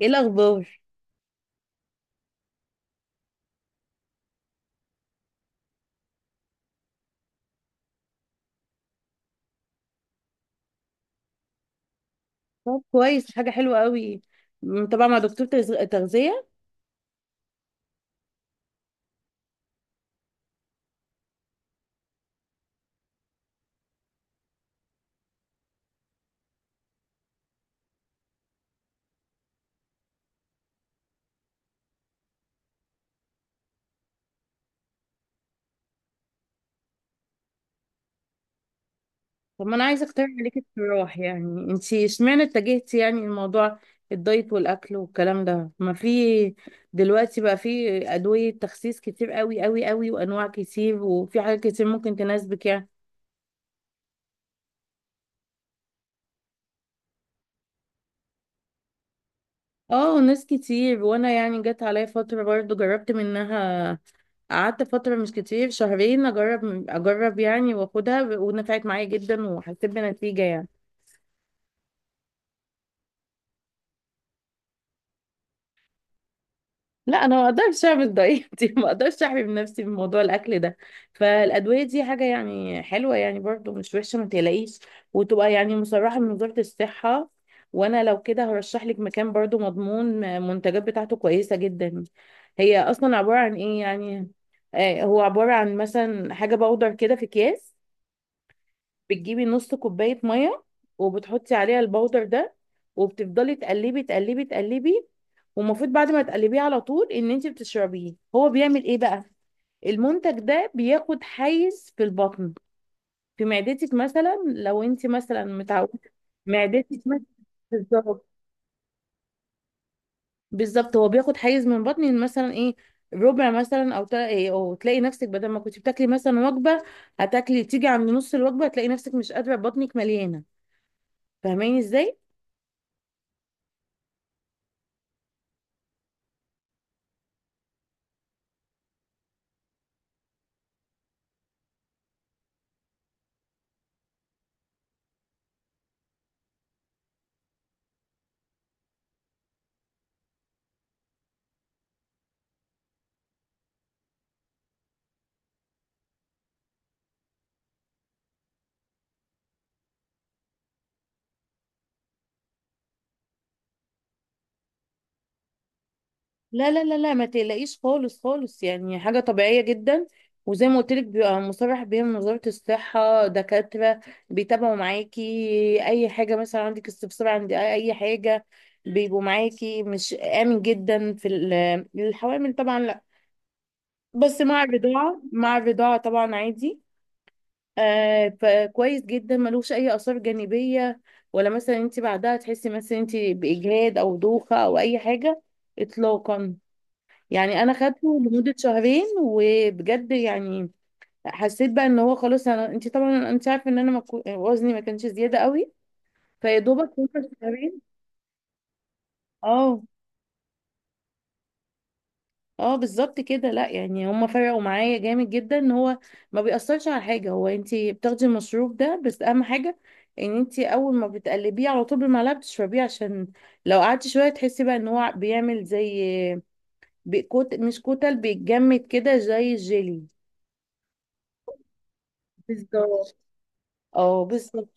ايه الاخبار؟ طب كويس، حاجه حلوه قوي. طبعا مع دكتور تغذيه. طب ما انا عايزه اقترح عليكي اقتراح، يعني انت اشمعنى اتجهتي يعني الموضوع، الدايت والاكل والكلام ده؟ ما في دلوقتي بقى في ادويه تخسيس كتير، قوي قوي قوي، وانواع كتير، وفي حاجات كتير ممكن تناسبك يعني. اه، ناس كتير، وانا يعني جت عليا فتره برضو جربت منها. قعدت فتره مش كتير، شهرين، اجرب يعني، واخدها، ونفعت معايا جدا، وحسيت بنتيجه يعني. لا، انا ما اقدرش اعمل دايت ما اقدرش احمي من نفسي من موضوع الاكل ده. فالادويه دي حاجه يعني حلوه، يعني برضو مش وحشه، ما تقلقيش. وتبقى يعني مصرحه من وزاره الصحه، وانا لو كده هرشح لك مكان برضو مضمون، المنتجات بتاعته كويسه جدا. هي اصلا عباره عن ايه يعني؟ آه، هو عباره عن مثلا حاجه باودر كده في اكياس. بتجيبي نص كوباية مية، وبتحطي عليها البودر ده، وبتفضلي تقلبي تقلبي تقلبي، والمفروض بعد ما تقلبيه على طول ان انت بتشربيه. هو بيعمل ايه بقى؟ المنتج ده بياخد حيز في البطن، في معدتك، مثلا لو انت مثلا متعودة معدتك مثلا. بالظبط، بالظبط. هو بياخد حيز من بطني، مثلا ايه، ربع مثلا، او إيه، او تلاقي نفسك بدل ما كنت بتاكلي مثلا وجبه، هتاكلي تيجي عند نص الوجبه هتلاقي نفسك مش قادره، بطنك مليانه. فاهماني ازاي؟ لا لا لا لا، ما تقلقيش خالص خالص، يعني حاجة طبيعية جدا. وزي ما قلت لك، بيبقى مصرح بيها من وزارة الصحة، دكاترة بيتابعوا معاكي أي حاجة، مثلا عندك استفسار عند أي حاجة، بيبقوا معاكي. مش آمن جدا في الحوامل طبعا لا، بس مع الرضاعة، مع الرضاعة طبعا عادي. آه، فكويس جدا، ملوش أي آثار جانبية، ولا مثلا انت بعدها تحسي مثلا انت بإجهاد أو دوخة أو أي حاجة، إطلاقا. يعني انا خدته لمده شهرين، وبجد يعني حسيت بقى ان هو خلاص. انا انت طبعا انت عارفه ان انا ما كو- وزني ما كانش زياده قوي، فيا دوبك وصل شهرين. اه. اه بالظبط كده، لا يعني هم فرقوا معايا جامد جدا، ان هو ما بيأثرش على حاجه. هو انت بتاخدي المشروب ده بس، اهم حاجه ان انت اول ما بتقلبيه على طول بالمعلقه بتشربيه، عشان لو قعدتي شويه تحسي بقى ان هو بيعمل زي، كوت مش كتل، بيتجمد كده زي الجيلي. بالظبط، اه بالظبط.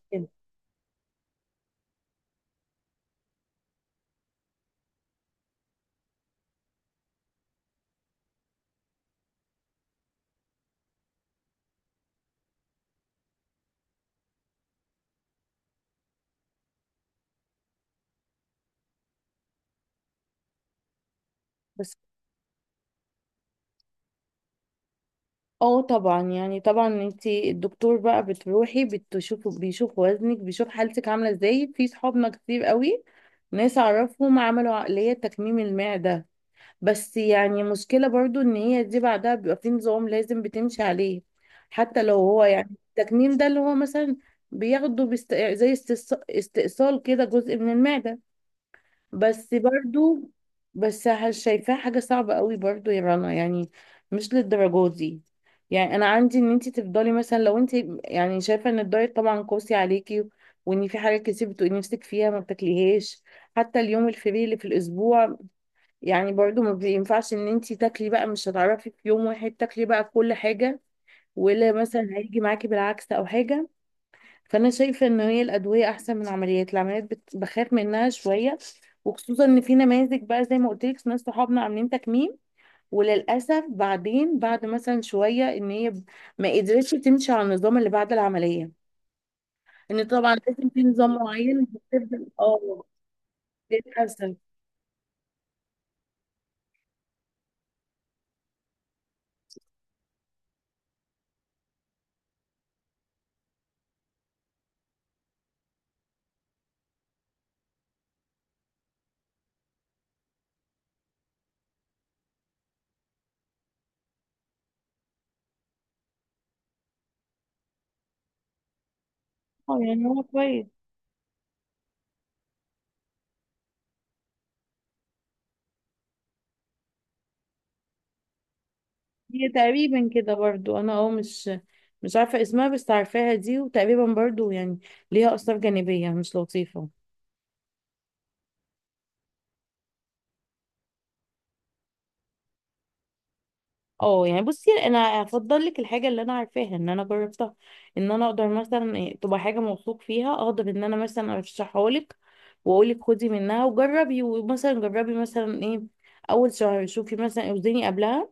بس اه طبعا، يعني طبعا انتي الدكتور بقى بتروحي بتشوفه بيشوف وزنك، بيشوف حالتك عامله ازاي. في صحابنا كتير قوي، ناس اعرفهم عملوا عقليه تكميم المعده، بس يعني مشكله برضو ان هي دي بعدها بيبقى في نظام لازم بتمشي عليه، حتى لو هو يعني التكميم ده اللي هو مثلا بياخده بست... زي استئصال كده جزء من المعده. بس برضو، بس شايفاها حاجة صعبة قوي برضو يا رنا، يعني مش للدرجة دي. يعني انا عندي ان انت تفضلي مثلا، لو انت يعني شايفة ان الدايت طبعا قاسي عليكي، وان في حاجات كتير بتبقي نفسك فيها ما بتاكليهاش، حتى اليوم الفري اللي في الاسبوع، يعني برضو ما بينفعش ان انت تاكلي بقى، مش هتعرفي في يوم واحد تاكلي بقى كل حاجة، ولا مثلا هيجي معاكي بالعكس او حاجة. فانا شايفه ان هي الادويه احسن من العمليات. العمليات بخاف منها شويه، وخصوصا ان في نماذج بقى زي ما قلت لك، ناس صحابنا عاملين تكميم، وللاسف بعدين بعد مثلا شويه ان هي ما قدرتش تمشي على النظام اللي بعد العمليه، ان طبعا لازم في نظام معين بتفضل، اه. للاسف. اه يعني هو كويس، هي تقريبا كده برضو، انا اه مش مش عارفه اسمها، بس عارفاها دي، وتقريبا برضو يعني ليها اثار جانبيه مش لطيفه. اه يعني بصي، انا افضل لك الحاجه اللي انا عارفاها ان انا جربتها، ان انا اقدر مثلا إيه، تبقى حاجه موثوق فيها، اقدر ان انا مثلا ارشحها لك، واقول لك خدي منها وجربي، ومثلا جربي مثلا ايه، اول شهر شوفي مثلا اوزني قبلها،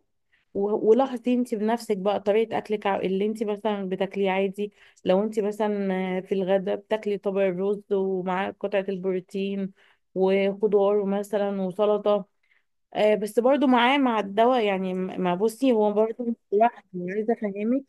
ولاحظي انت بنفسك بقى طريقه اكلك، اللي انت مثلا بتاكليه عادي. لو انت مثلا آه، في الغداء بتاكلي طبق الرز، ومعاه قطعه البروتين، وخضار مثلا وسلطه، آه بس برضو معاه مع الدواء يعني. ما بصي، هو برضو مش لوحده، أنا عايزه افهمك.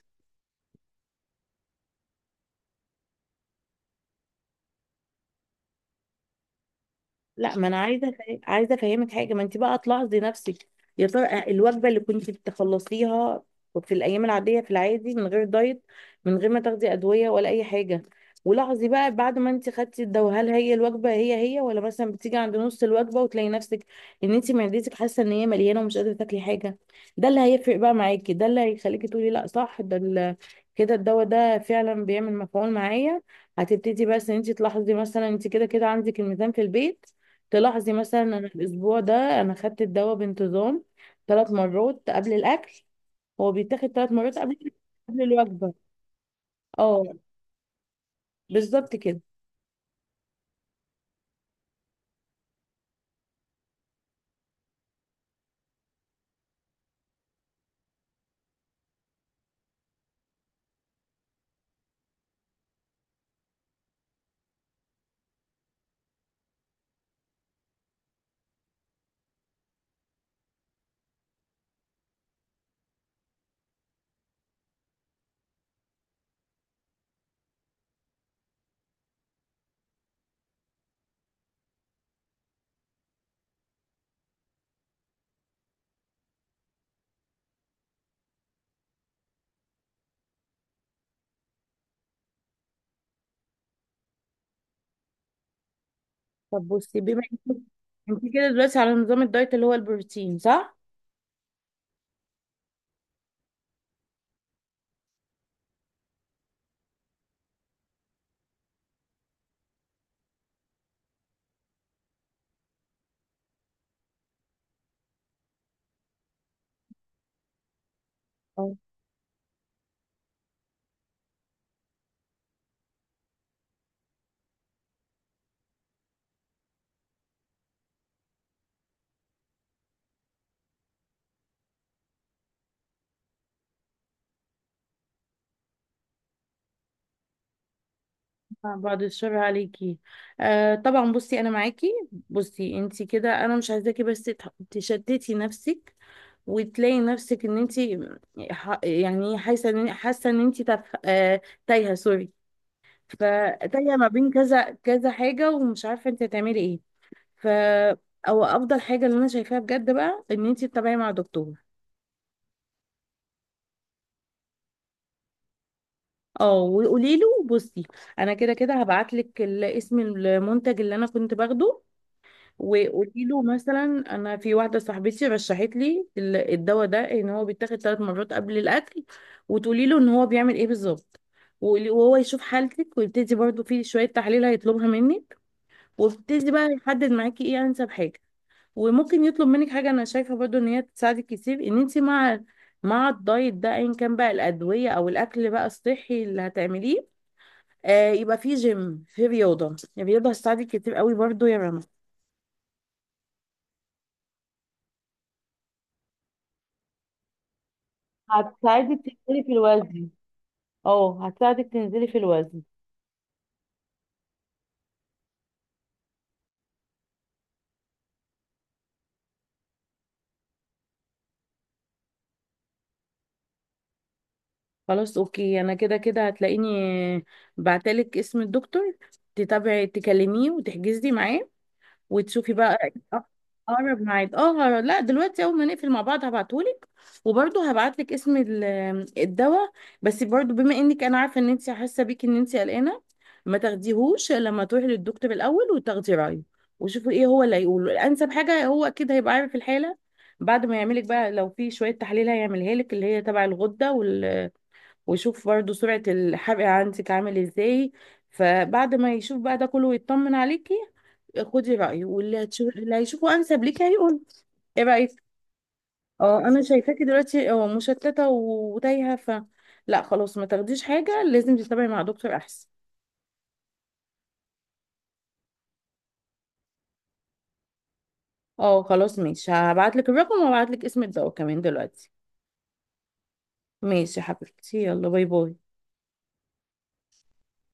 لا، ما انا عايزه عايزه افهمك حاجه، ما انت بقى تلاحظي نفسك، يا ترى آه، الوجبه اللي كنت بتخلصيها في الايام العاديه في العادي من غير دايت، من غير ما تاخدي ادويه ولا اي حاجه، ولاحظي بقى بعد ما انت خدتي الدواء، هل هي الوجبه هي هي، ولا مثلا بتيجي عند نص الوجبه وتلاقي نفسك ان انت معدتك حاسه ان هي مليانه ومش قادره تاكلي حاجه. ده اللي هيفرق بقى معاكي، ده اللي هيخليكي تقولي لا صح، ده كده الدواء ده فعلا بيعمل مفعول معايا. هتبتدي بس ان انت تلاحظي، مثلا انت كده كده عندك الميزان في البيت، تلاحظي مثلا انا الاسبوع ده انا خدت الدواء بانتظام، 3 مرات قبل الاكل. هو بيتاخد 3 مرات قبل، قبل الوجبه. اه بالظبط كده. طب بصي، بما انك انت كده دلوقتي على نظام الدايت اللي هو البروتين، صح؟ اه. بعد الشر عليكي. آه طبعا بصي انا معاكي. بصي انت كده، انا مش عايزاكي بس تشتتي نفسك، وتلاقي نفسك ان انت يعني حاسه ان، حاسه ان انت تف... آه... تايهه، سوري، فتايه ما بين كذا كذا حاجه، ومش عارفه انت هتعملي ايه. ف، او افضل حاجه اللي انا شايفاها بجد بقى، ان انت تتابعي مع دكتور. اه، وقولي له بصي، انا كده كده هبعت لك اسم المنتج اللي انا كنت باخده، وقولي له مثلا انا في واحده صاحبتي رشحت لي الدواء ده، ان هو بيتاخد 3 مرات قبل الاكل، وتقولي له ان هو بيعمل ايه بالظبط، وهو يشوف حالتك، ويبتدي برضو في شويه تحاليل هيطلبها منك، وابتدي بقى يحدد معاكي ايه انسب حاجه. وممكن يطلب منك حاجه انا شايفه برضو ان هي تساعدك كتير، ان انت مع، مع الدايت ده ايا كان بقى الادويه او الاكل بقى الصحي اللي هتعمليه، آه يبقى في جيم، في رياضه. الرياضه هتساعدك كتير قوي برضو يا رنا، هتساعدك تنزلي في الوزن. اه هتساعدك تنزلي في الوزن. خلاص اوكي، انا كده كده هتلاقيني بعتلك اسم الدكتور، تتابعي تكلميه وتحجزي معاه، وتشوفي بقى اقرب ميعاد. اه لا دلوقتي، اول ما نقفل مع بعض هبعتهولك، وبرضه هبعتلك اسم الدواء. بس برضه بما انك، انا عارفه ان انت حاسه بيكي ان انت قلقانه، ما تاخديهوش لما تروحي للدكتور الاول وتاخدي رايه، وشوفي ايه هو اللي هيقوله انسب حاجه. هو اكيد هيبقى عارف الحاله بعد ما يعملك بقى، لو في شويه تحاليل هيعملها لك، اللي هي تبع الغده وال... ويشوف برضه سرعه الحرق عندك عامل ازاي. فبعد ما يشوف بقى ده كله ويطمن عليكي، خدي رأيه، واللي هتشوف اللي هيشوفه أنسب ليك هيقول. ايه رأيك؟ اه انا شايفاكي دلوقتي اه مشتتة وتايهة، ف لا خلاص، ما تاخديش حاجة، لازم تتابعي مع دكتور أحسن. اه خلاص ماشي، هبعتلك الرقم، وهبعتلك اسم الدواء كمان دلوقتي. ماشي يا حبيبتي، يلا باي باي.